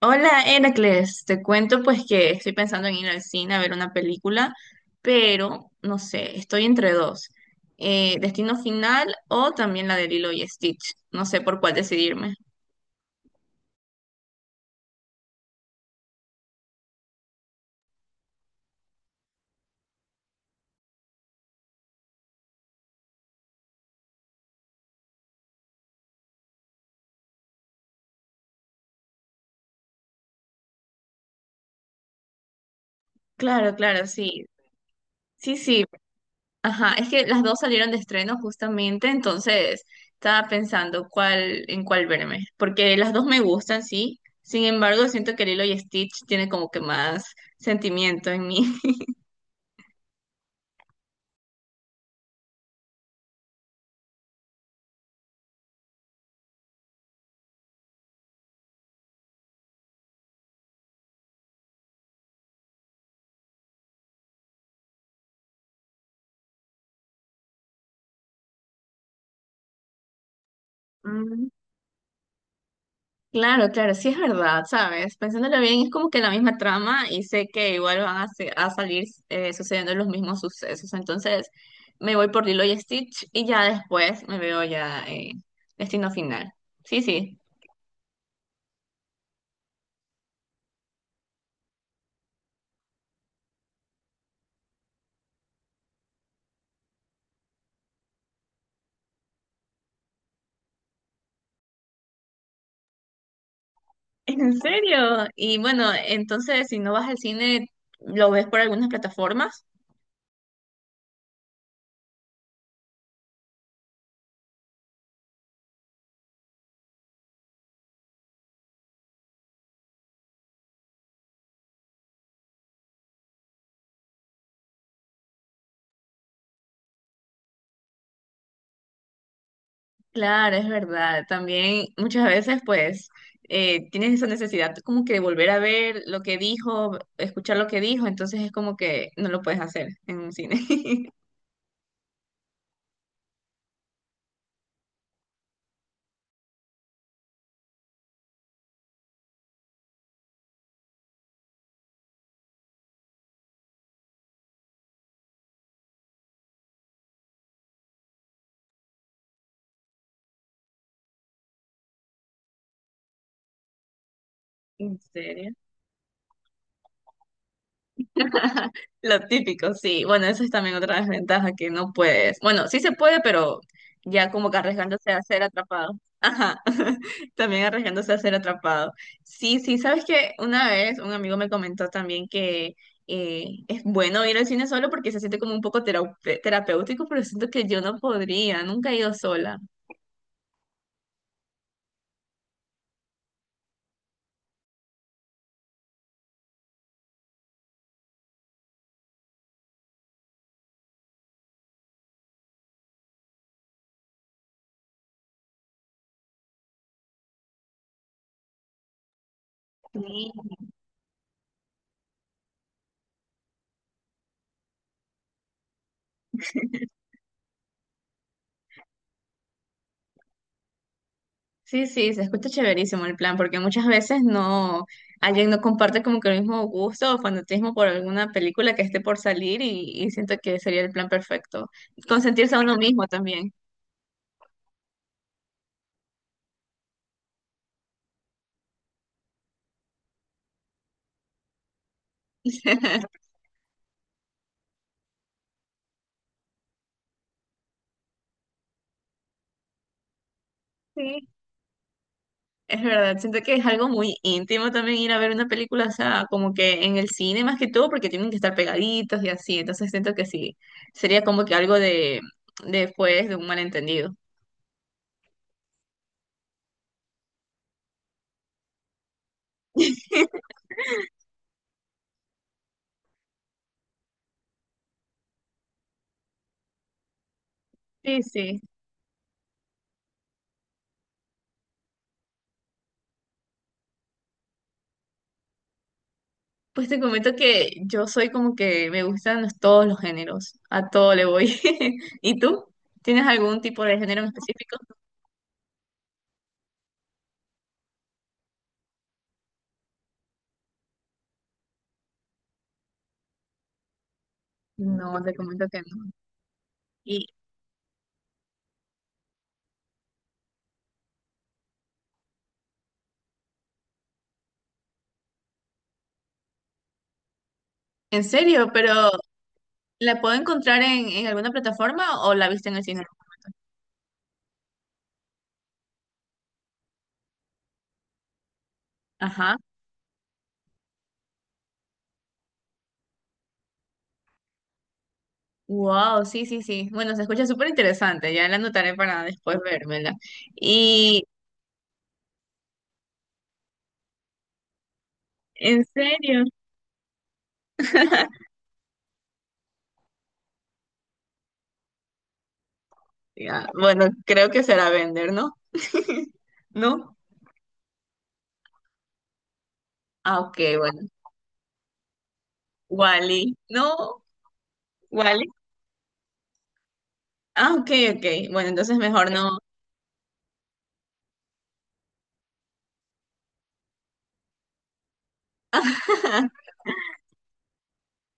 Hola, Heracles. Te cuento pues que estoy pensando en ir al cine a ver una película, pero no sé, estoy entre dos. Destino Final o también la de Lilo y Stitch. No sé por cuál decidirme. Claro, claro, sí. Sí, sí. Ajá, es que las dos salieron de estreno justamente, entonces estaba pensando cuál en cuál verme, porque las dos me gustan, sí. Sin embargo, siento que Lilo y Stitch tiene como que más sentimiento en mí. Claro, claro, sí es verdad, ¿sabes? Pensándolo bien, es como que la misma trama y sé que igual van a salir sucediendo los mismos sucesos. Entonces me voy por Lilo y Stitch y ya después me veo ya Destino Final. Sí, sí. ¿En serio? Y bueno, entonces si no vas al cine, ¿lo ves por algunas plataformas? Claro, es verdad. También muchas veces, pues, tienes esa necesidad como que de volver a ver lo que dijo, escuchar lo que dijo, entonces es como que no lo puedes hacer en un cine. ¿En serio? Lo típico, sí. Bueno, eso es también otra desventaja que no puedes. Bueno, sí se puede, pero ya como que arriesgándose a ser atrapado. Ajá. También arriesgándose a ser atrapado. Sí, sí, sabes que una vez un amigo me comentó también que es bueno ir al cine solo porque se siente como un poco terapéutico, pero siento que yo no podría, nunca he ido sola. Sí, sí, sí, se escucha chéverísimo el plan, porque muchas veces no, alguien no comparte como que el mismo gusto o fanatismo por alguna película que esté por salir y siento que sería el plan perfecto. Consentirse a uno mismo también. Sí, es verdad, siento que es algo muy íntimo también ir a ver una película, o sea, como que en el cine más que todo, porque tienen que estar pegaditos y así, entonces siento que sí, sería como que algo de, después de pues, de un malentendido. Sí, sí. Pues te comento que yo soy como que me gustan todos los géneros, a todo le voy. ¿Y tú? ¿Tienes algún tipo de género en específico? No, te comento que no. ¿Y en serio? ¿Pero la puedo encontrar en alguna plataforma o la viste en el cine? Ajá. Wow, sí, sí, sí. Bueno, se escucha súper interesante, ya la anotaré para después vérmela. Y en serio, ya, bueno, creo que será vender, ¿no? ¿No? Ah, ok, bueno. Wally, no. Wally. Ah, ok, ok. Bueno, entonces mejor no.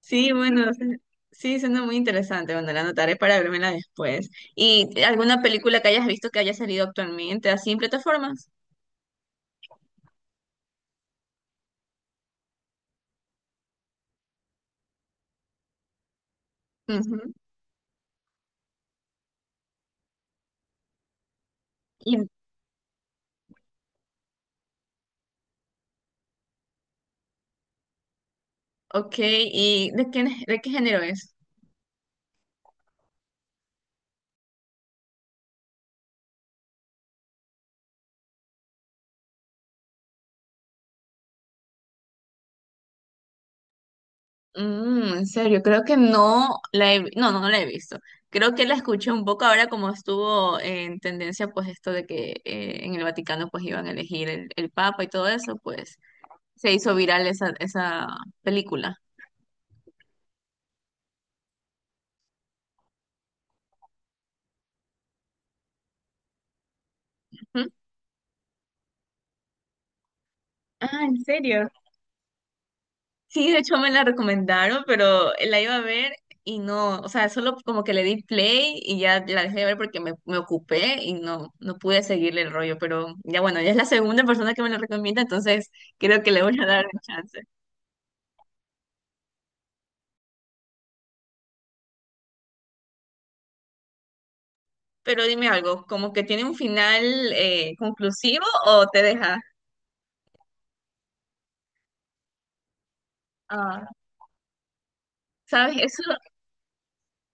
Sí, bueno, sí, suena muy interesante. Bueno, la anotaré para vérmela después. ¿Y alguna película que hayas visto que haya salido actualmente así en plataformas? Ujú. Y, ok, ¿y de qué género es? Mm, en serio, creo que no, no la he visto. Creo que la escuché un poco ahora como estuvo en tendencia pues esto de que en el Vaticano pues iban a elegir el Papa y todo eso, pues se hizo viral esa película. ¿Mm? Ah, ¿en serio? Sí, de hecho me la recomendaron, pero la iba a ver y no, o sea, solo como que le di play y ya la dejé de ver porque me ocupé y no, no pude seguirle el rollo, pero ya bueno, ya es la segunda persona que me lo recomienda, entonces creo que le voy a dar un chance. Pero dime algo, ¿como que tiene un final conclusivo o te deja? Ah, ¿sabes? Eso,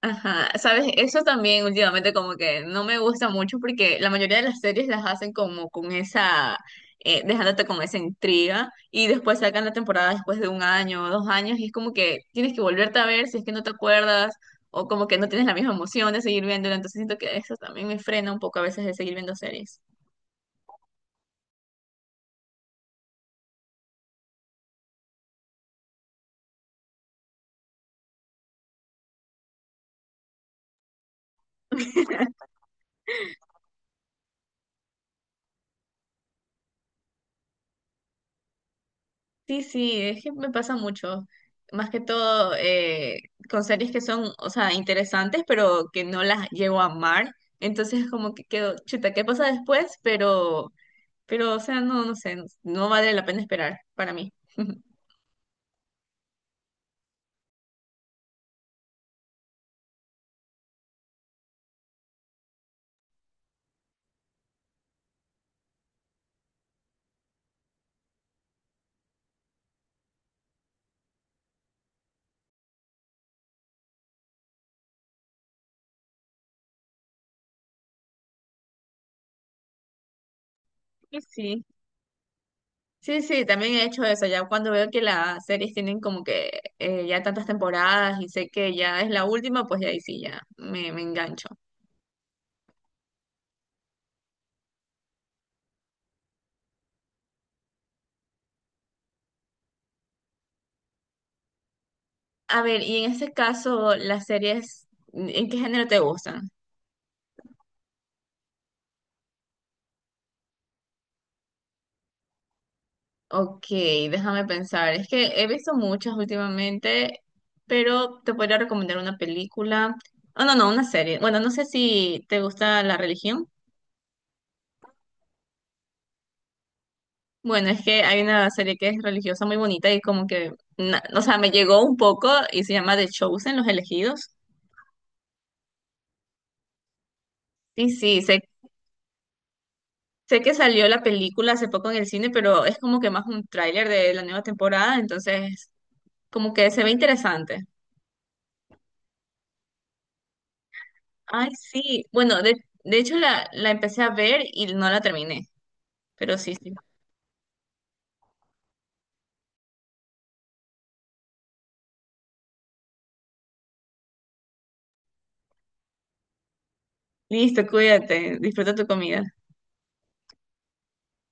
ajá, sabes, eso también últimamente como que no me gusta mucho porque la mayoría de las series las hacen como con dejándote con esa intriga y después sacan la temporada después de un año o dos años y es como que tienes que volverte a ver si es que no te acuerdas o como que no tienes la misma emoción de seguir viéndola, entonces siento que eso también me frena un poco a veces de seguir viendo series. Sí, sí, es que me pasa mucho. Más que todo con series que son, o sea, interesantes, pero que no las llego a amar. Entonces, como que quedo, chuta, ¿qué pasa después? Pero, o sea, no, no sé, no vale la pena esperar para mí. Sí, sí, sí, sí, también he hecho eso, ya cuando veo que las series tienen como que ya tantas temporadas y sé que ya es la última, pues ya ahí sí, me engancho. A ver, y en este caso, las series, ¿en qué género te gustan? Ok, déjame pensar. Es que he visto muchas últimamente, pero te podría recomendar una película. Oh, no, no, una serie. Bueno, no sé si te gusta la religión. Bueno, es que hay una serie que es religiosa muy bonita y como que, o sea, me llegó un poco y se llama The Chosen, Los Elegidos. Sí, sí, sé, sé que salió la película hace poco en el cine, pero es como que más un tráiler de la nueva temporada, entonces como que se ve interesante. Ay, sí. Bueno, de hecho la empecé a ver y no la terminé. Pero sí, sí. Listo, cuídate. Disfruta tu comida.